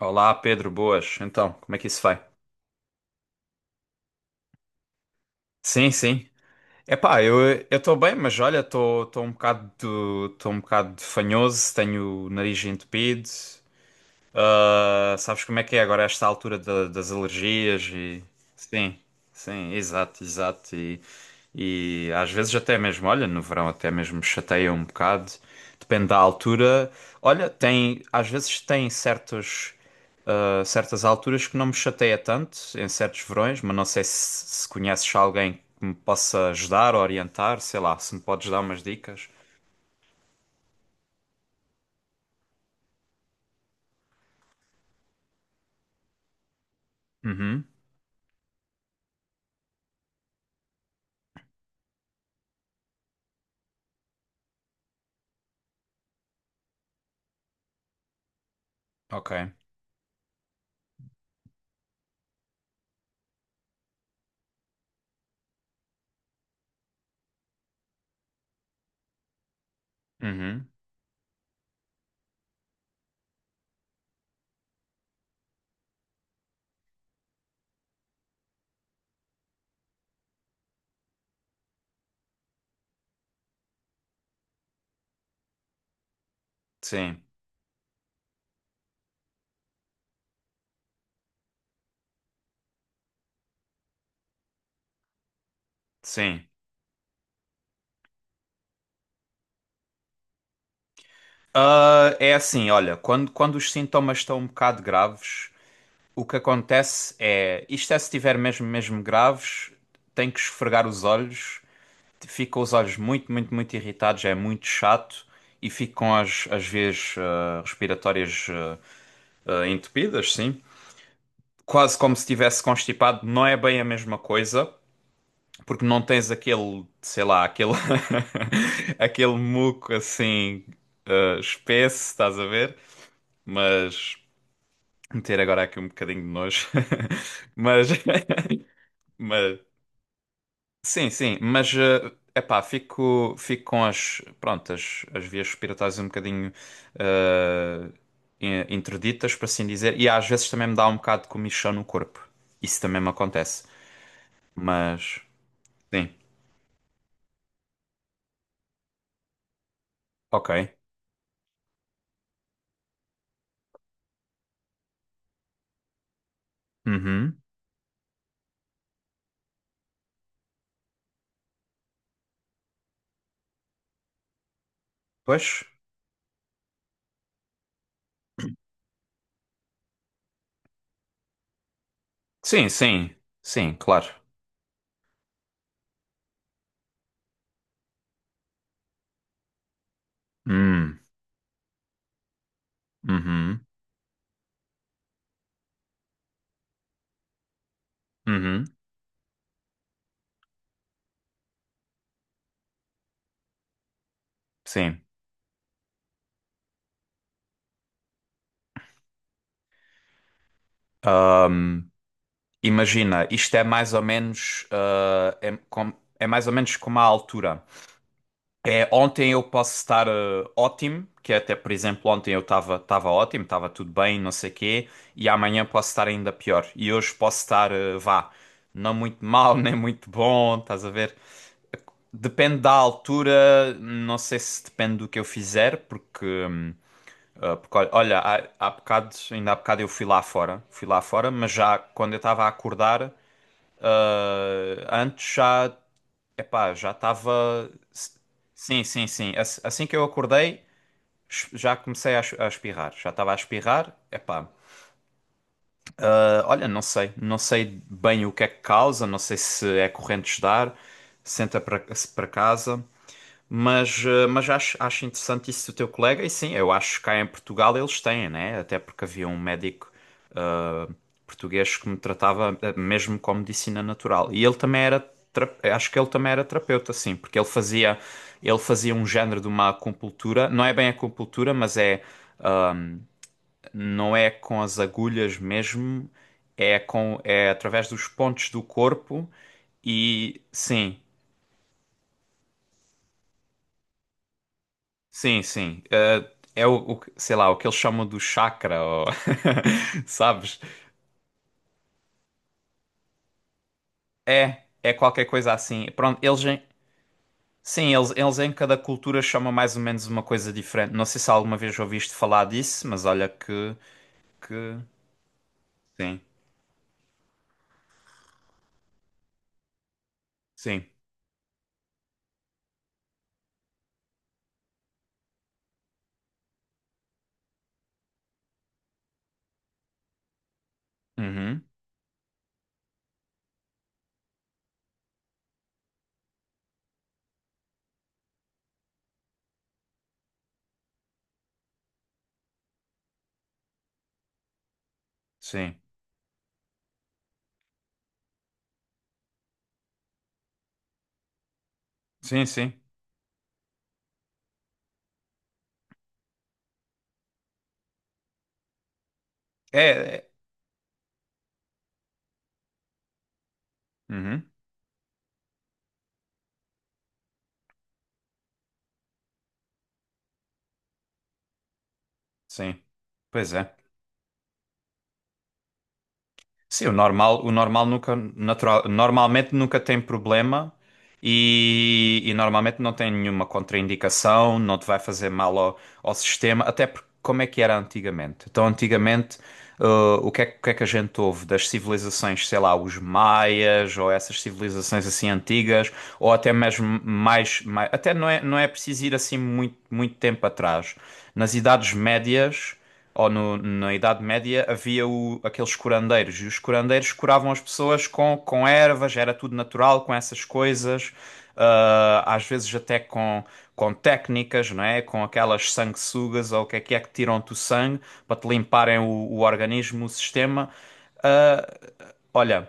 Olá, Pedro, boas. Então, como é que isso vai? Sim, sim. Epá, eu estou bem, mas olha, estou um bocado estou um bocado fanhoso, tenho o nariz entupido. Ah, sabes como é que é agora esta altura das alergias e sim, sim, exato, exato e às vezes até mesmo, olha, no verão até mesmo me chateia um bocado, depende da altura. Olha, tem às vezes tem certos certas alturas que não me chateia tanto em certos verões, mas não sei se, se conheces alguém que me possa ajudar, orientar, sei lá, se me podes dar umas dicas. Uhum, ok. Uhum, sim, sim. Ah, é assim, olha, quando, quando os sintomas estão um bocado graves, o que acontece é, isto é se estiver mesmo, mesmo graves, tem que esfregar os olhos, fica os olhos muito, muito, muito irritados, é muito chato e ficam as, as vias respiratórias entupidas, sim. Quase como se estivesse constipado, não é bem a mesma coisa, porque não tens aquele, sei lá, aquele, aquele muco assim, ah, espesso, estás a ver? Mas. Ter agora aqui um bocadinho de nojo. Mas, mas sim, sim, mas epá, fico, fico com as, pronto, as vias respiratórias um bocadinho eh, interditas, por assim dizer, e às vezes também me dá um bocado de comichão no corpo. Isso também me acontece. Mas sim, ok. Uhum. Pois. Sim, sim, sim, claro. Hum, uhum, uhum, sim. Imagina, isto é mais ou menos, ah, é, é mais ou menos como a altura. É, ontem eu posso estar ótimo, que é até, por exemplo, ontem eu estava ótimo, estava tudo bem, não sei quê, e amanhã posso estar ainda pior. E hoje posso estar, ah, vá, não muito mal, nem muito bom, estás a ver? Depende da altura, não sei se depende do que eu fizer, porque, ah, porque olha, olha, há, há bocado, ainda há bocado eu fui lá fora, mas já quando eu estava a acordar. Ah, antes já, epá, já estava. Sim, sim, sim. Assim que eu acordei, já comecei a a espirrar. Já estava a espirrar, epá. Ah, olha, não sei. Não sei bem o que é que causa, não sei se é corrente de ar, senta para casa. Mas, ah, mas acho, acho interessante isso do teu colega, e sim, eu acho que cá em Portugal eles têm, né? Até porque havia um médico português que me tratava mesmo com medicina natural. E ele também era, acho que ele também era terapeuta, sim, porque ele fazia um género de uma acupuntura, não é bem acupuntura, mas é, não é com as agulhas mesmo, é com, é através dos pontos do corpo e sim, sim, sim. É o, sei lá, o que eles chamam do chakra, ou sabes? É, é qualquer coisa assim. Pronto, eles, sim, eles em cada cultura chamam mais ou menos uma coisa diferente. Não sei se alguma vez ouviste falar disso, mas olha que... Sim, sim. Uhum, sim, sim, sim. É, é. Uhum, sim, pois é. Sim, o normal nunca, natural, normalmente nunca tem problema e normalmente não tem nenhuma contraindicação, não te vai fazer mal ao, ao sistema, até porque como é que era antigamente? Então, antigamente, eh, o que é, que o que é que a gente ouve das civilizações, sei lá, os maias ou essas civilizações assim antigas, ou até mesmo mais, mais até não é, não é preciso ir assim muito, muito tempo atrás. Nas Idades Médias ou na Idade Média, havia aqueles curandeiros, e os curandeiros curavam as pessoas com ervas, era tudo natural, com essas coisas, ah, às vezes até com técnicas, não é? Com aquelas sanguessugas, ou o que é que é que tiram-te o sangue, para te limparem o organismo, o sistema. Ah, olha...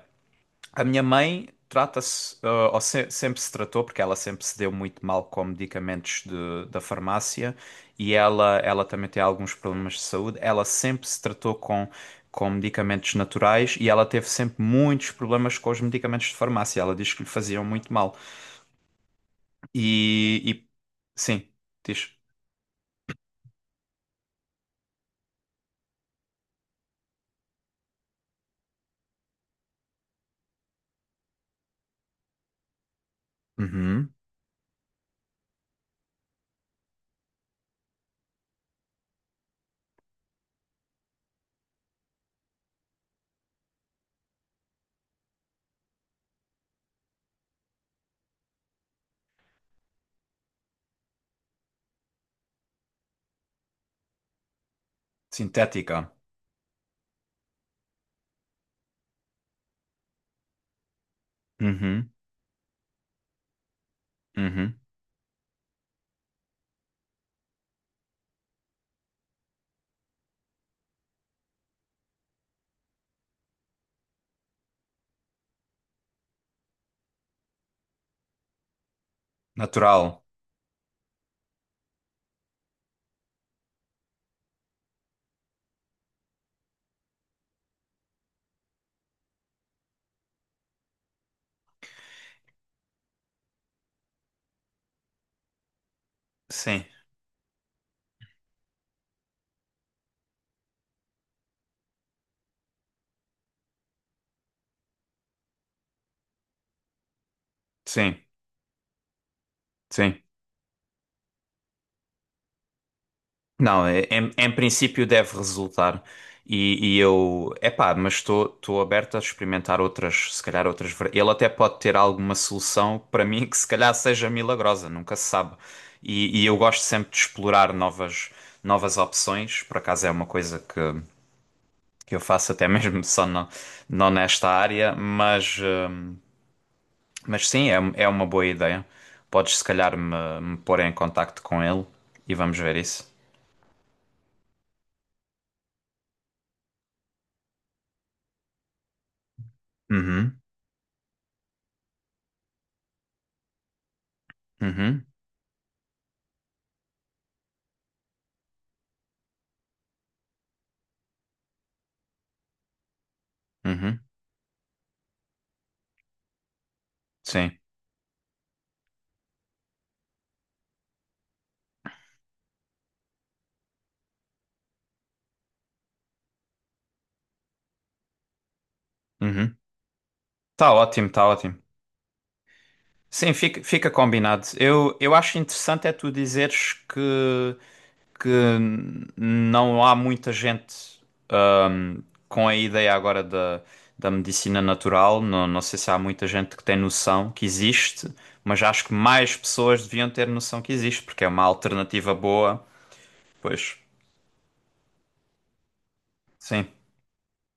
A minha mãe trata-se, ah, ou sempre se tratou, porque ela sempre se deu muito mal com medicamentos da farmácia e ela também tem alguns problemas de saúde. Ela sempre se tratou com medicamentos naturais e ela teve sempre muitos problemas com os medicamentos de farmácia. Ela diz que lhe faziam muito mal. E- sim, diz. Uhum. Sintética. Uhum. Uhum. Natural. Sim, sim, sim. Não, em, em princípio deve resultar. E eu, epá, mas estou aberto a experimentar outras, se calhar outras. Ele até pode ter alguma solução para mim que se calhar seja milagrosa, nunca se sabe. E eu gosto sempre de explorar novas, novas opções. Por acaso é uma coisa que eu faço até mesmo só não, não nesta área, mas sim, é, é uma boa ideia. Podes se calhar me, me pôr em contacto com ele e vamos ver isso. Uhum, uhum, uhum. Sim. Uhum. Tá ótimo, tá ótimo. Sim, fica, fica combinado. Eu acho interessante é tu dizeres que não há muita gente hum, com a ideia agora da, da medicina natural. Não, não sei se há muita gente que tem noção que existe, mas acho que mais pessoas deviam ter noção que existe, porque é uma alternativa boa. Pois, sim,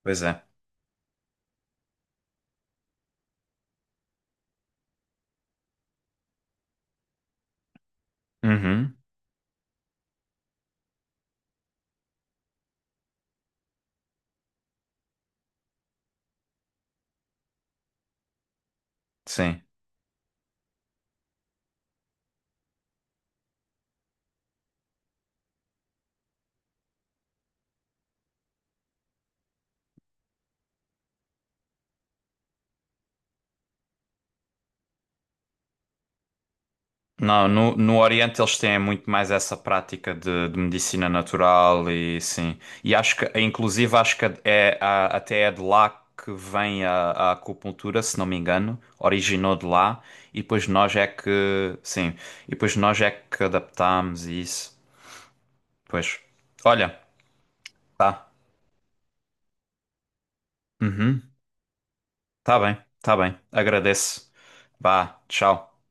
pois é. Uhum, sim. Não, no, no Oriente eles têm muito mais essa prática de medicina natural e sim. E acho que, inclusive, acho que é, até é de lá que vem a acupuntura, se não me engano, originou de lá e depois nós é que, sim, e depois nós é que adaptámos e isso. Pois, olha, tá. Uhum, tá bem, tá bem. Agradeço. Vá, tchau.